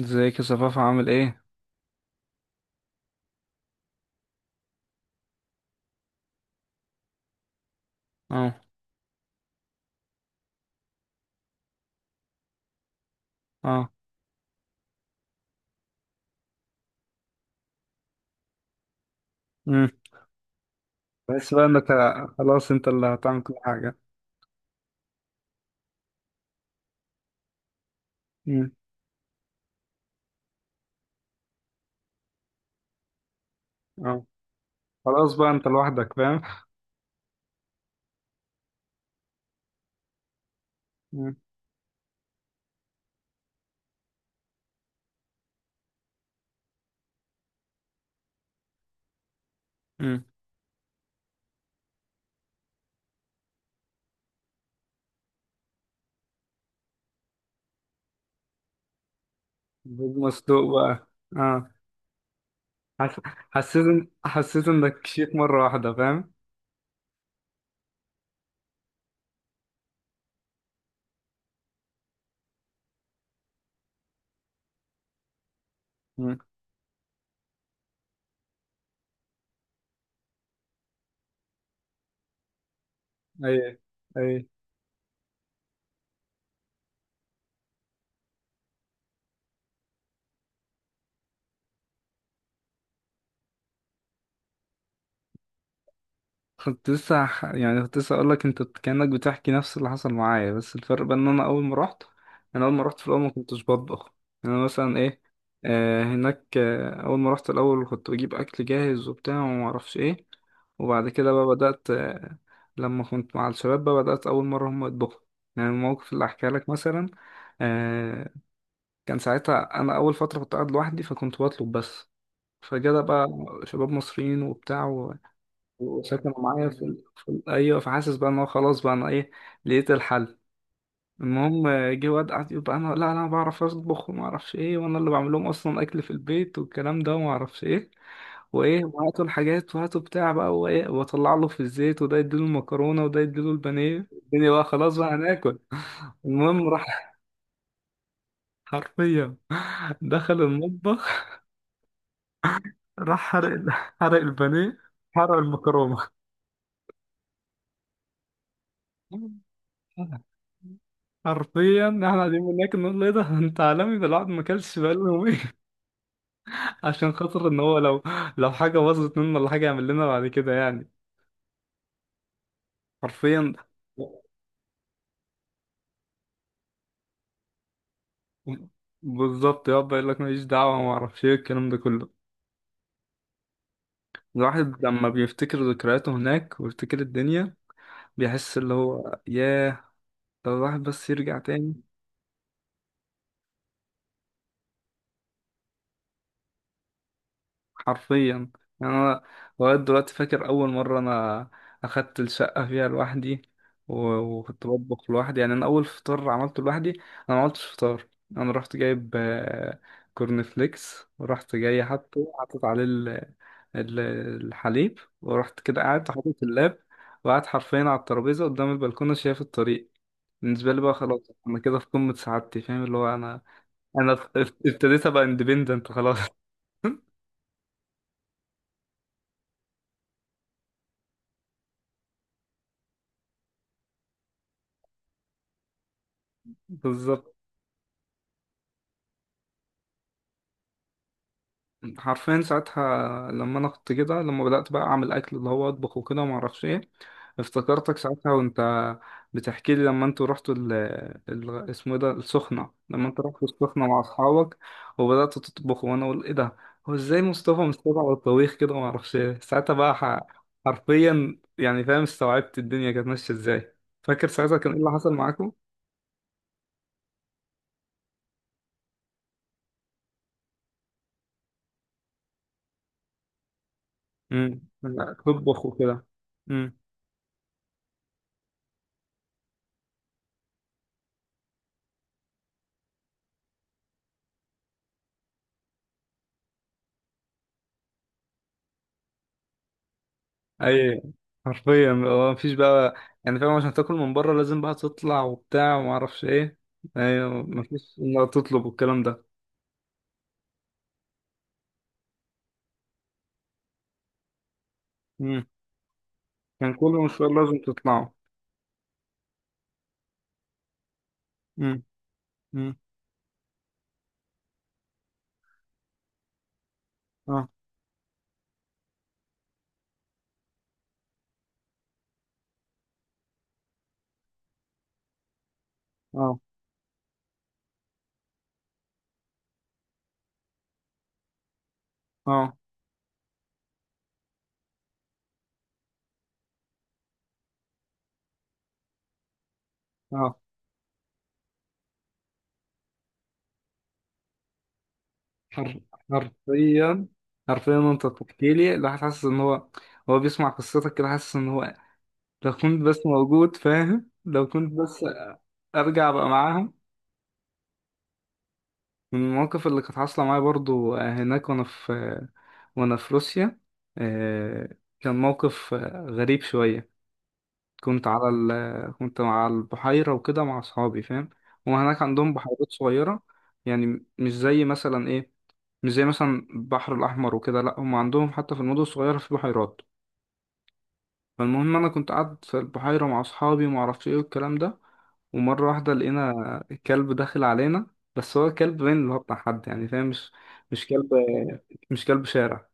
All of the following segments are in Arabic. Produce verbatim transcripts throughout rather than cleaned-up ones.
ازيك يا صفاف؟ عامل ايه؟ اه. اه. امم. بس بقى انك ه- خلاص انت اللي هتعمل كل حاجه. امم. اه. خلاص بقى انت لوحدك فاهم. امم. امم. بيض مسلوق بقى. اه. حس... حسيت ان... حسيت انك شيك مره واحده فاهم. امم. ايوه. اي. كنت لسه ح- يعني كنت لسه اقول لك انت كأنك بتحكي نفس اللي حصل معايا، بس الفرق بقى ان انا اول ما رحت انا اول ما رحت في الاول ما كنتش بطبخ. يعني انا مثلا ايه، آه هناك آه اول ما رحت الاول كنت بجيب اكل جاهز وبتاع وما اعرفش ايه. وبعد كده بقى بدأت آه لما كنت مع الشباب بقى بدأت اول مرة هم يطبخوا. يعني الموقف اللي احكي لك مثلا، آه كان ساعتها انا اول فترة كنت قاعد لوحدي فكنت بطلب بس. فجدا بقى شباب مصريين وبتاع وساكنة معايا في, ال... في ال... أيوة، فحاسس بقى إن هو خلاص بقى أنا إيه، لقيت الحل. المهم، آه، جه واد قعد يقول بقى: أنا، لا، أنا بعرف أطبخ وما أعرفش إيه، وأنا اللي بعمل لهم أصلا أكل في البيت والكلام ده وما أعرفش إيه، وإيه وهاتوا الحاجات وهاتوا بتاع بقى وإيه، وأطلع له في الزيت وده يديله المكرونة وده يديله البانيه، الدنيا بقى خلاص بقى هناكل. المهم راح حرفيا دخل المطبخ، راح حرق ال- حرق البانيه، حرق المكرونة. حرفيا احنا قاعدين هناك نقول له ايه ده؟ انت عالمي ده، الواحد ما اكلش بقاله يومين. عشان خاطر ان هو لو لو حاجه باظت منه ولا حاجه يعمل لنا بعد كده يعني. حرفيا. بالظبط، يقعد بقى يقول لك ماليش دعوه وما اعرفش ايه الكلام ده كله. الواحد لما بيفتكر ذكرياته هناك ويفتكر الدنيا، بيحس اللي هو ياه، لو الواحد بس يرجع تاني. حرفيا. يعني انا لغايه دلوقتي فاكر اول مره انا اخدت الشقه فيها لوحدي و- وكنت بطبخ لوحدي. يعني انا اول فطار عملته لوحدي، انا ما عملتش فطار، انا رحت جايب آه، كورن فليكس ورحت جاي حاطه حاطط عليه ال- ال- الحليب، ورحت كده قاعد حاطط اللاب وقعد حرفيا على الترابيزه قدام البلكونه شايف الطريق. بالنسبه لي بقى خلاص، انا كده في قمه سعادتي، فاهم اللي هو، انا انا ابتديت ابقى اندبندنت خلاص. بالظبط. حرفيا ساعتها لما انا كنت كده، لما بدأت بقى اعمل اكل اللي هو اطبخ وكده وما اعرفش ايه، افتكرتك ساعتها وانت بتحكي لي لما انتوا رحتوا ال ال- اسمه إيه ده، السخنة، لما انت رحتوا السخنة مع اصحابك وبدأتوا تطبخوا، وانا اقول ايه ده، هو ازاي مصطفى مستوعب على الطبيخ كده وما اعرفش ايه. ساعتها بقى، ح- حرفيا يعني فاهم، استوعبت الدنيا كانت ماشية ازاي. فاكر ساعتها كان ايه اللي حصل معاكم؟ امم. تطبخ وكده. امم. اي، حرفيا هو مفيش بقى، يعني فاهم، عشان تاكل من بره لازم بقى تطلع وبتاع وما اعرفش ايه. ايوه، مفيش انك تطلب والكلام ده. امم. كان كل مشوار لازم تطلعه. امم. امم. اه. اه. اه. اه. حر- حرفيا، حرفيا انت بتحكي لي الواحد حاسس ان هو، هو بيسمع قصتك كده حاسس ان هو، لو كنت بس موجود فاهم، لو كنت بس ارجع بقى معاهم. من المواقف اللي كانت حاصله معايا برضو هناك، وانا في وأنا في روسيا، آه، كان موقف آه، غريب شوية. كنت على ال... كنت على البحيرة وكده مع أصحابي، فاهم هما هناك عندهم بحيرات صغيرة. يعني مش زي مثلا إيه، مش زي مثلا البحر الأحمر وكده. لأ، هما عندهم حتى في المدن الصغيرة في بحيرات. فالمهم أنا كنت قاعد في البحيرة مع أصحابي ومعرفش إيه والكلام ده، ومرة واحدة لقينا كلب داخل علينا، بس هو كلب باين اللي هو بتاع حد يعني فاهم، مش مش كلب، مش كلب شارع.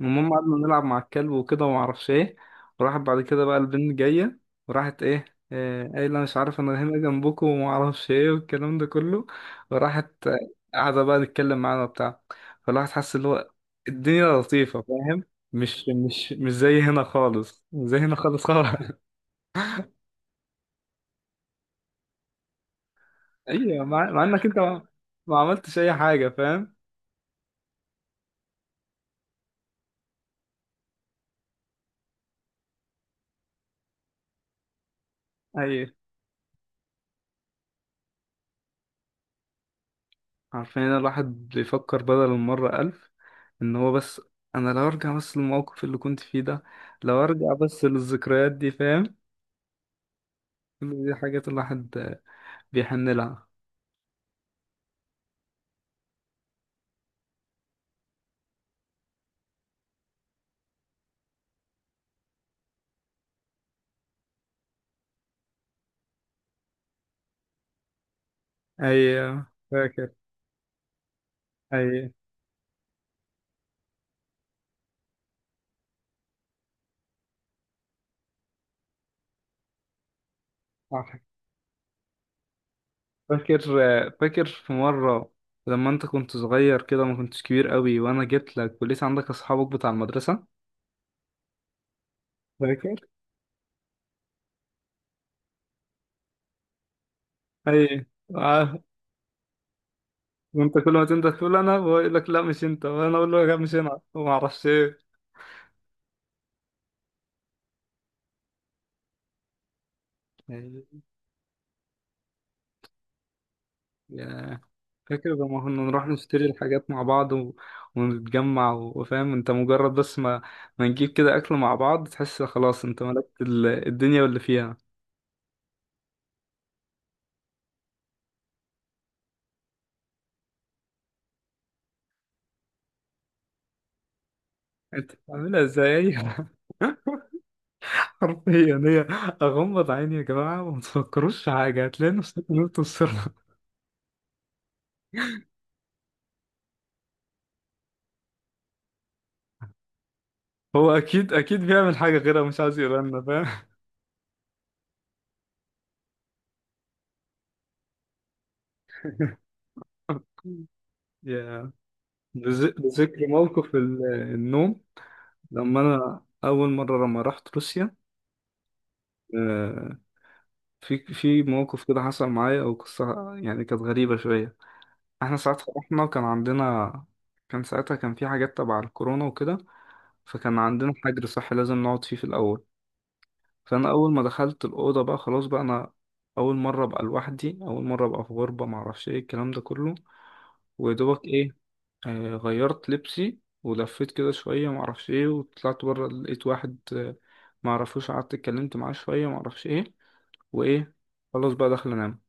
المهم قعدنا نلعب مع الكلب وكده وما اعرفش ايه. وراحت بعد كده بقى البنت جايه، وراحت ايه، آه، قايله مش عارف انا هنا جنبكم وما اعرفش ايه والكلام ده كله، وراحت آه، قاعده بقى تتكلم معانا وبتاع. فالواحد حس اللي هو الدنيا لطيفه، فاهم. مش مش مش زي هنا خالص، مش زي هنا خالص خالص. ايوه، مع، مع انك انت ما، ما عملتش اي حاجه فاهم. ايوه، عارفين ان الواحد بيفكر بدل المرة ألف إن هو بس أنا لو أرجع بس للموقف اللي كنت فيه ده، لو أرجع بس للذكريات دي فاهم. كل دي حاجات الواحد آه، بيحن لها. أي. فاكر. أي. عارف. فاكر فاكر في مرة لما أنت كنت صغير كده، ما كنتش كبير قوي، وأنا جيت لك ولسه عندك أصحابك بتاع المدرسة. فاكر. أي. عارف. وأنت كل ما تنده تقول أنا، بقول لك لا مش أنت، وأنا أقول له لا مش أنا، وما أعرفش إيه. أي. ياه. فاكر لما كنا نروح نشتري الحاجات مع بعض و... ونتجمع و- وفاهم انت، مجرد بس ما ما نجيب كده اكل مع بعض تحس خلاص انت ملكت ال... الدنيا واللي فيها. انت بتعملها ازاي؟ حرفيا هي اغمض عيني يا جماعه وما تفكروش في حاجه هتلاقي نفسك نلت السر. هو اكيد، اكيد بيعمل حاجه غيرها مش عايز يقولها لنا فاهم. يا، بذ- بذكر موقف ال- النوم لما انا اول مره لما رحت روسيا. آه، في في موقف كده حصل معايا او قصه يعني كانت غريبه شويه. احنا ساعتها رحنا وكان عندنا، كان ساعتها كان في حاجات تبع الكورونا وكده، فكان عندنا حجر صحي لازم نقعد فيه في الاول. فانا اول ما دخلت الاوضه بقى خلاص بقى انا، اول مره ابقى لوحدي، اول مره ابقى في غربه، معرفش ايه الكلام ده كله. ودوبك ايه، آه غيرت لبسي ولفيت كده شويه معرفش ايه، وطلعت بره لقيت واحد آه، معرفوش، قعدت اتكلمت معاه شويه معرفش ايه وايه، خلاص بقى داخل انام.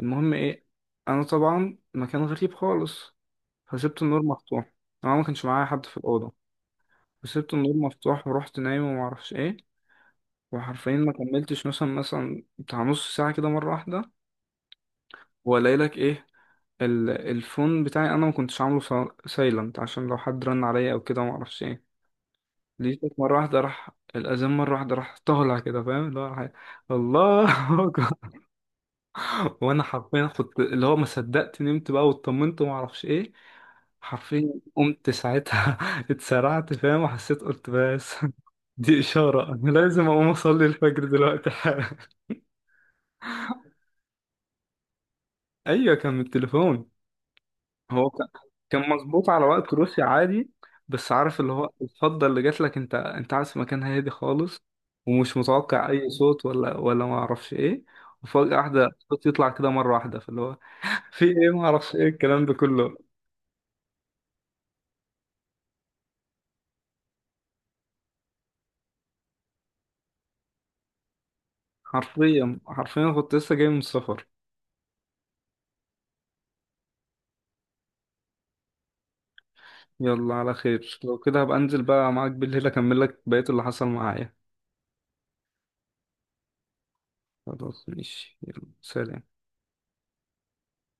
المهم ايه، انا طبعا مكان غريب خالص، فسبت النور مفتوح، انا ما كانش معايا حد في الاوضه، فسبت النور مفتوح ورحت نايم وما اعرفش ايه. وحرفيا ما كملتش مثلا مثلا بتاع نص ساعه كده، مره واحده والاقي لك ايه، ال- الفون بتاعي انا ما كنتش عامله سايلنت، عشان لو حد رن عليا او كده ما اعرفش ايه. لقيتك مره واحده راح الاذان مره واحده، راح طالع كده فاهم اللي هو راح- إيه، الله. وانا حرفيا كنت اللي هو ما صدقت نمت بقى واطمنت وما اعرفش ايه. حرفيا قمت ساعتها اتسرعت فاهم، وحسيت قلت بس دي اشاره انا لازم اقوم اصلي الفجر دلوقتي حالا. ايوه كان من التليفون. هو كان كان مظبوط على وقت روسيا عادي، بس عارف اللي هو الفضه اللي جات لك، انت انت عارف مكان هادي خالص ومش متوقع اي صوت ولا ولا ما اعرفش ايه، وفجاه واحده الصوت يطلع كده مره واحده فاللي هو في ايه ما اعرفش ايه الكلام ده كله. حرفيا حرفيا كنت لسه جاي من السفر. يلا على خير، لو كده هبقى انزل بقى معاك بالليل اكمل لك بقية اللي حصل معايا. خلاص ماشي، يلا سلام.